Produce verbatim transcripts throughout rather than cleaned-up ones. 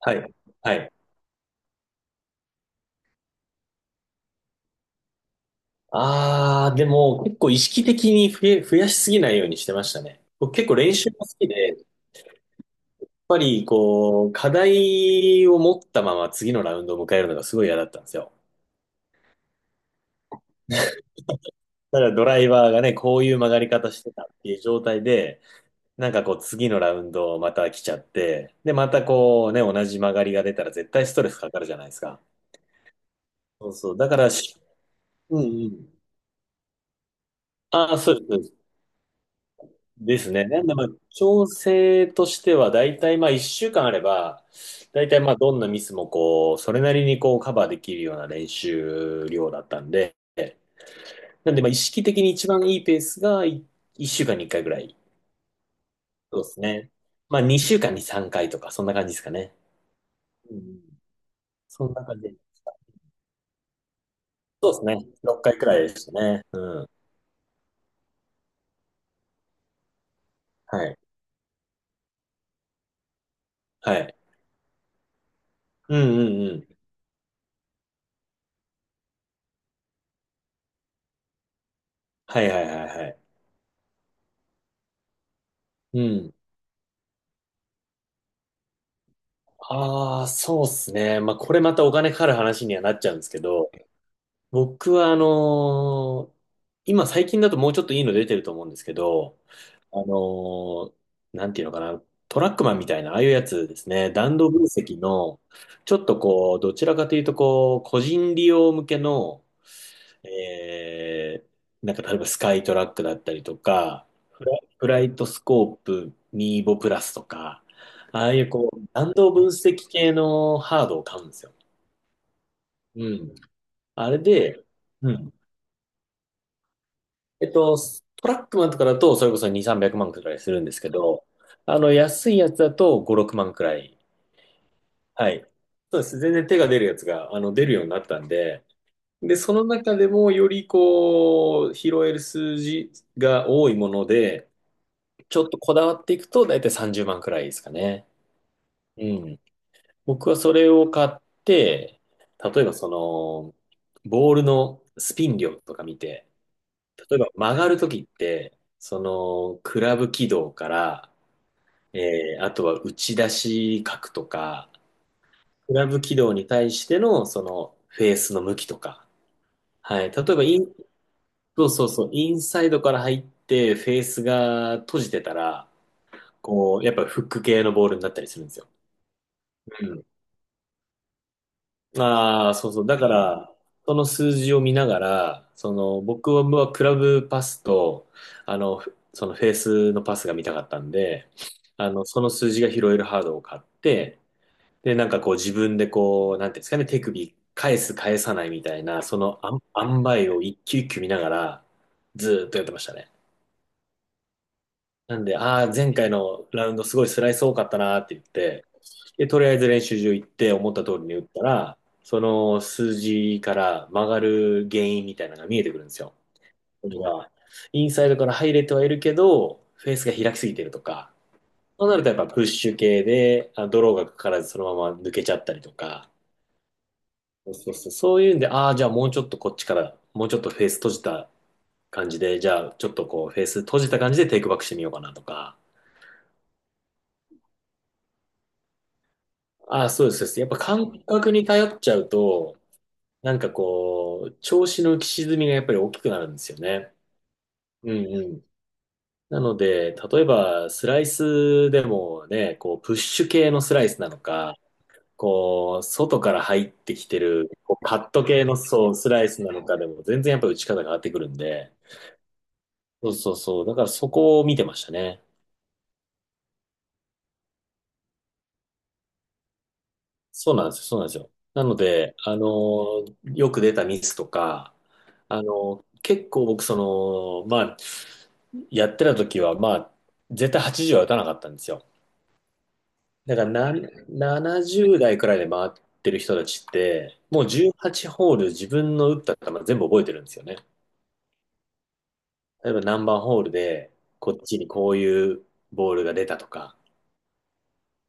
はい。はい。ああ、でも結構意識的に増え、増やしすぎないようにしてましたね。僕結構練習が好きで、やっぱりこう、課題を持ったまま次のラウンドを迎えるのがすごい嫌だったんですよ。ただドライバーがね、こういう曲がり方してたっていう状態で、なんかこう次のラウンドまた来ちゃって、で、またこうね、同じ曲がりが出たら絶対ストレスかかるじゃないですか。そうそう。だからし、うんうん。ああ、そうです。ですね。なんで、まあ、調整としては、だいたいまあ、いっしゅうかんあれば、だいたいまあ、どんなミスもこう、それなりにこう、カバーできるような練習量だったんで、なんで、まあ、意識的に一番いいペースがいいっしゅうかんにいっかいぐらい。そうですね。まあ、にしゅうかんにさんかいとか、そんな感じですかね。うん。そんな感じ。そうですね。ろっかいくらいでしたね。うん。はい。はい。うんうんうん。はいはいはいはい。うん。ああ、そうですね。まあ、これまたお金かかる話にはなっちゃうんですけど、僕はあのー今最近だともうちょっといいの出てると思うんですけど、あのーなんていうのかな、トラックマンみたいな、ああいうやつですね、弾道分析の、ちょっとこう、どちらかというとこう、個人利用向けの、えー、なんか例えばスカイトラックだったりとか、フラ、フライトスコープミーボプラスとか、ああいうこう、弾道分析系のハードを買うんですよ。うん。あれで、うん。えっと、トラックマンとかだと、それこそに、さんびゃくまんくまんくらいするんですけど、あの、安いやつだとご、ろくまんくらい。はい。そうです。全然手が出るやつが、あの、出るようになったんで、で、その中でもよりこう、拾える数字が多いもので、ちょっとこだわっていくと、だいたいさんじゅうまんくらいですかね。うん。僕はそれを買って、例えばその、ボールのスピン量とか見て、例えば曲がるときって、その、クラブ軌道から、えー、あとは打ち出し角とか、クラブ軌道に対しての、その、フェースの向きとか。はい。例えばイン、そうそうそう、インサイドから入って、フェースが閉じてたら、こう、やっぱフック系のボールになったりするんですよ。うん。ああ、そうそう。だから、その数字を見ながら、その、僕はクラブパスと、あの、ふそのフェースのパスが見たかったんで、あの、その数字が拾えるハードを買って、で、なんかこう自分でこう、なんていうんですかね、手首返す返さないみたいな、そのあん塩梅を一球一球見ながら、ずーっとやってましたね。なんで、ああ、前回のラウンドすごいスライス多かったなーって言って、で、とりあえず練習場行って思った通りに打ったら、その数字から曲がる原因みたいなのが見えてくるんですよ。それが、インサイドから入れてはいるけど、フェースが開きすぎてるとか、そうなるとやっぱプッシュ系で、あ、ドローがかからずそのまま抜けちゃったりとか、そうそうそう、そういうんで、ああ、じゃあもうちょっとこっちから、もうちょっとフェース閉じた感じで、じゃあちょっとこうフェース閉じた感じでテイクバックしてみようかなとか、ああ、そうです、そうです。やっぱ感覚に頼っちゃうと、なんかこう、調子の浮き沈みがやっぱり大きくなるんですよね。うんうん。なので、例えばスライスでもね、こう、プッシュ系のスライスなのか、こう、外から入ってきてる、こう、カット系のそう、スライスなのかでも全然やっぱり打ち方が変わってくるんで、そうそうそう。だからそこを見てましたね。そうなんですよ、そうなんですよ。なので、あのーよく出たミスとか、あの、結構僕、その、まあ、やってた時は、まあ、絶対はちじゅうは打たなかったんですよ。だからな、ななじゅう代くらいで回ってる人たちって、もうじゅうはちホール自分の打った球全部覚えてるんですよね。例えば何番ホールで、こっちにこういうボールが出たとか。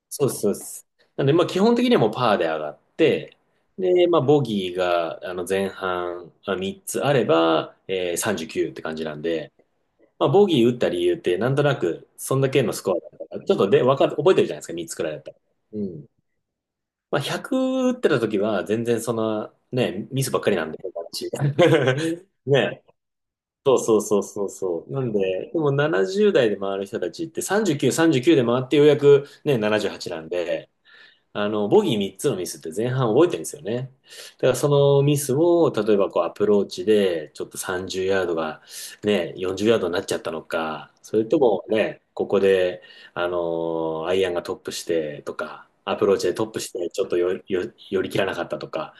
そうです、そうです。なので、まあ、基本的にはもうパーで上がって、で、まあ、ボギーが、あの、前半、あみっつあれば、えー、さんじゅうきゅうって感じなんで、まあ、ボギー打った理由って、なんとなく、そんだけのスコアだったから、ちょっとで、わかる、覚えてるじゃないですか、みっつくらいだったら。うん。まあ、ひゃく打ってた時は、全然その、ね、ミスばっかりなんで、私 ね。そうそうそうそうそう。なんで、でもななじゅう代で回る人たちってさんじゅうきゅう、さんじゅうきゅうで回ってようやくね、ななじゅうはちなじゅうはちなんで、あの、ボギーみっつのミスって前半覚えてるんですよね。だからそのミスを、例えばこうアプローチで、ちょっとさんじゅうヤードがね、よんじゅうヤードになっちゃったのか、それともね、ここで、あのアイアンがトップしてとか、アプローチでトップして、ちょっとよ、よ、寄り切らなかったとか、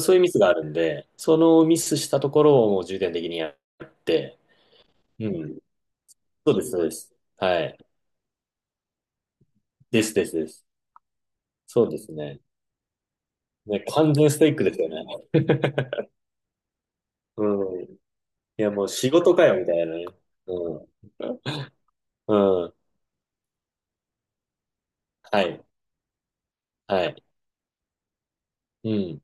そういうミスがあるんで、そのミスしたところをもう重点的にやって、うん。そうです、そうです。はい。です、です、です。そうですね。ね、完全ステイックですよね。うん。いや、もう仕事かよ、みたいなね。うん。うん。はい。はい。うん。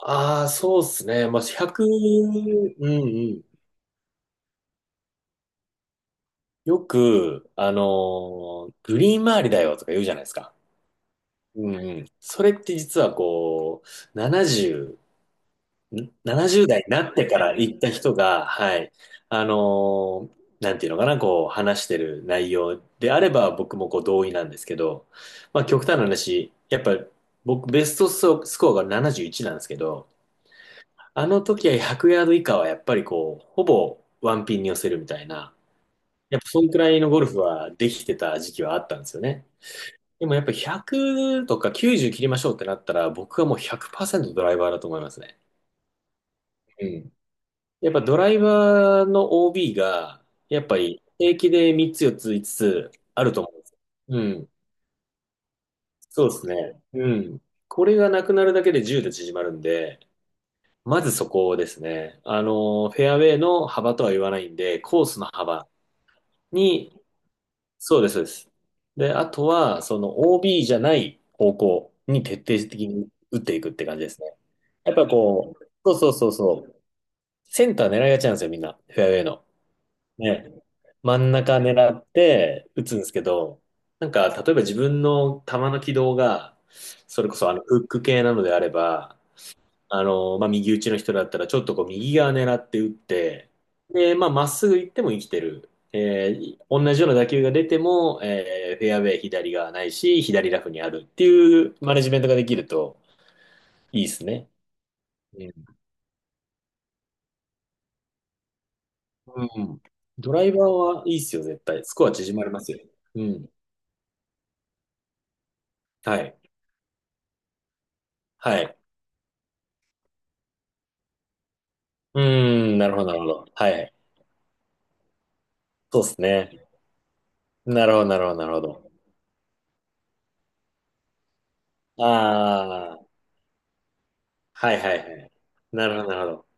ああ、そうっすね。まあ、ひゃく、うんうん。よく、あのーグリーン周りだよとか言うじゃないですか。うんうん。それって実はこう、ななじゅう ななじゅう代になってから行った人が、はい、あのーなんていうのかな、こう話してる内容であれば僕もこう同意なんですけど、まあ極端な話、やっぱ僕ベストスコアがななじゅういちなじゅういちなんですけど、あの時はひゃくヤード以下はやっぱりこう、ほぼワンピンに寄せるみたいな、やっぱそんくらいのゴルフはできてた時期はあったんですよね。でもやっぱひゃくとかきゅうじゅう切りましょうってなったら僕はもうひゃくパーセントドライバーだと思いますね。うん。やっぱドライバーの オービー が、やっぱり平気でみっつ、よっつ、いつつつあると思うんですよ。うん。そうですね。うん。これがなくなるだけでじゅうで縮まるんで、まずそこですね。あの、フェアウェイの幅とは言わないんで、コースの幅に、そうです、そうです。で、あとは、その オービー じゃない方向に徹底的に打っていくって感じですね。やっぱこう、そうそうそうそう、センター狙いがちなんですよ、みんな。フェアウェイの。ね、真ん中狙って打つんですけど、なんか、例えば自分の球の軌道が、それこそあの、フック系なのであれば、あの、まあ、右打ちの人だったら、ちょっとこう、右側狙って打って、で、まあ、まっすぐ行っても生きてる。えー同じような打球が出ても、えーフェアウェイ左側ないし、左ラフにあるっていうマネジメントができるといいですね。うん。うん。ドライバーはいいっすよ、絶対。スコア縮まりますよ。うん。はい。はい。うーん、なるほど、なるほど。はい。そうですね。なるほど、なるほど、なるほど。ああ、はいはいはい。なるほど、なるほど。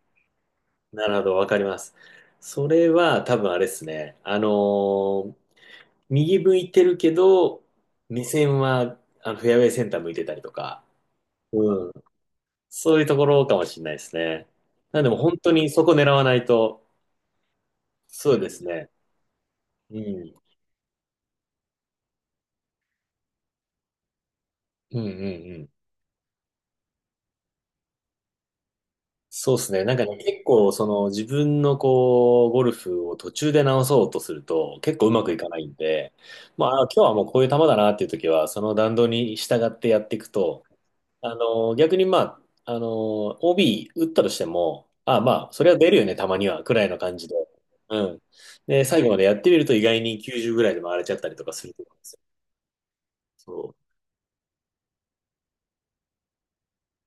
なるほど、わかります。それは多分あれですね。あのー右向いてるけど、目線はあのフェアウェイセンター向いてたりとか、うん。そういうところかもしれないですね。なんでも本当にそこ狙わないと、そうですね。うん。うんうんうん。そうですね。なんかね、結構、その自分のこう、ゴルフを途中で直そうとすると、結構うまくいかないんで、まあ、今日はもうこういう球だなっていう時は、その弾道に従ってやっていくと、あの、逆にまあ、あの、オービー 打ったとしても、ああまあ、それは出るよね、たまには、くらいの感じで。うん。で、最後までやってみると意外にきゅうじゅうぐらいで回れちゃったりとかすると思うんですよ。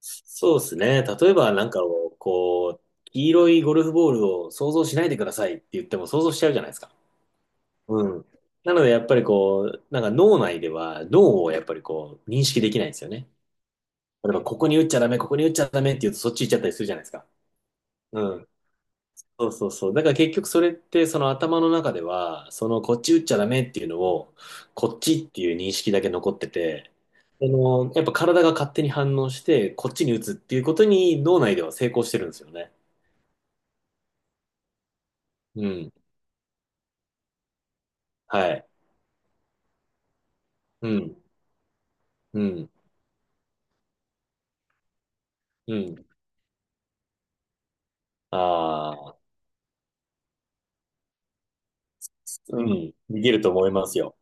そうですね。例えばなんかをこう、黄色いゴルフボールを想像しないでくださいって言っても想像しちゃうじゃないですか。うん。なのでやっぱりこう、なんか脳内では脳をやっぱりこう認識できないんですよね。例えばここに打っちゃダメ、ここに打っちゃダメって言うとそっち行っちゃったりするじゃないですか。うん。そうそうそう。だから結局それってその頭の中では、そのこっち打っちゃダメっていうのを、こっちっていう認識だけ残ってて、その、やっぱ体が勝手に反応して、こっちに打つっていうことに脳内では成功してるんですよね。うん。はい。うん。うん。うん。ああ、うん。できると思いますよ。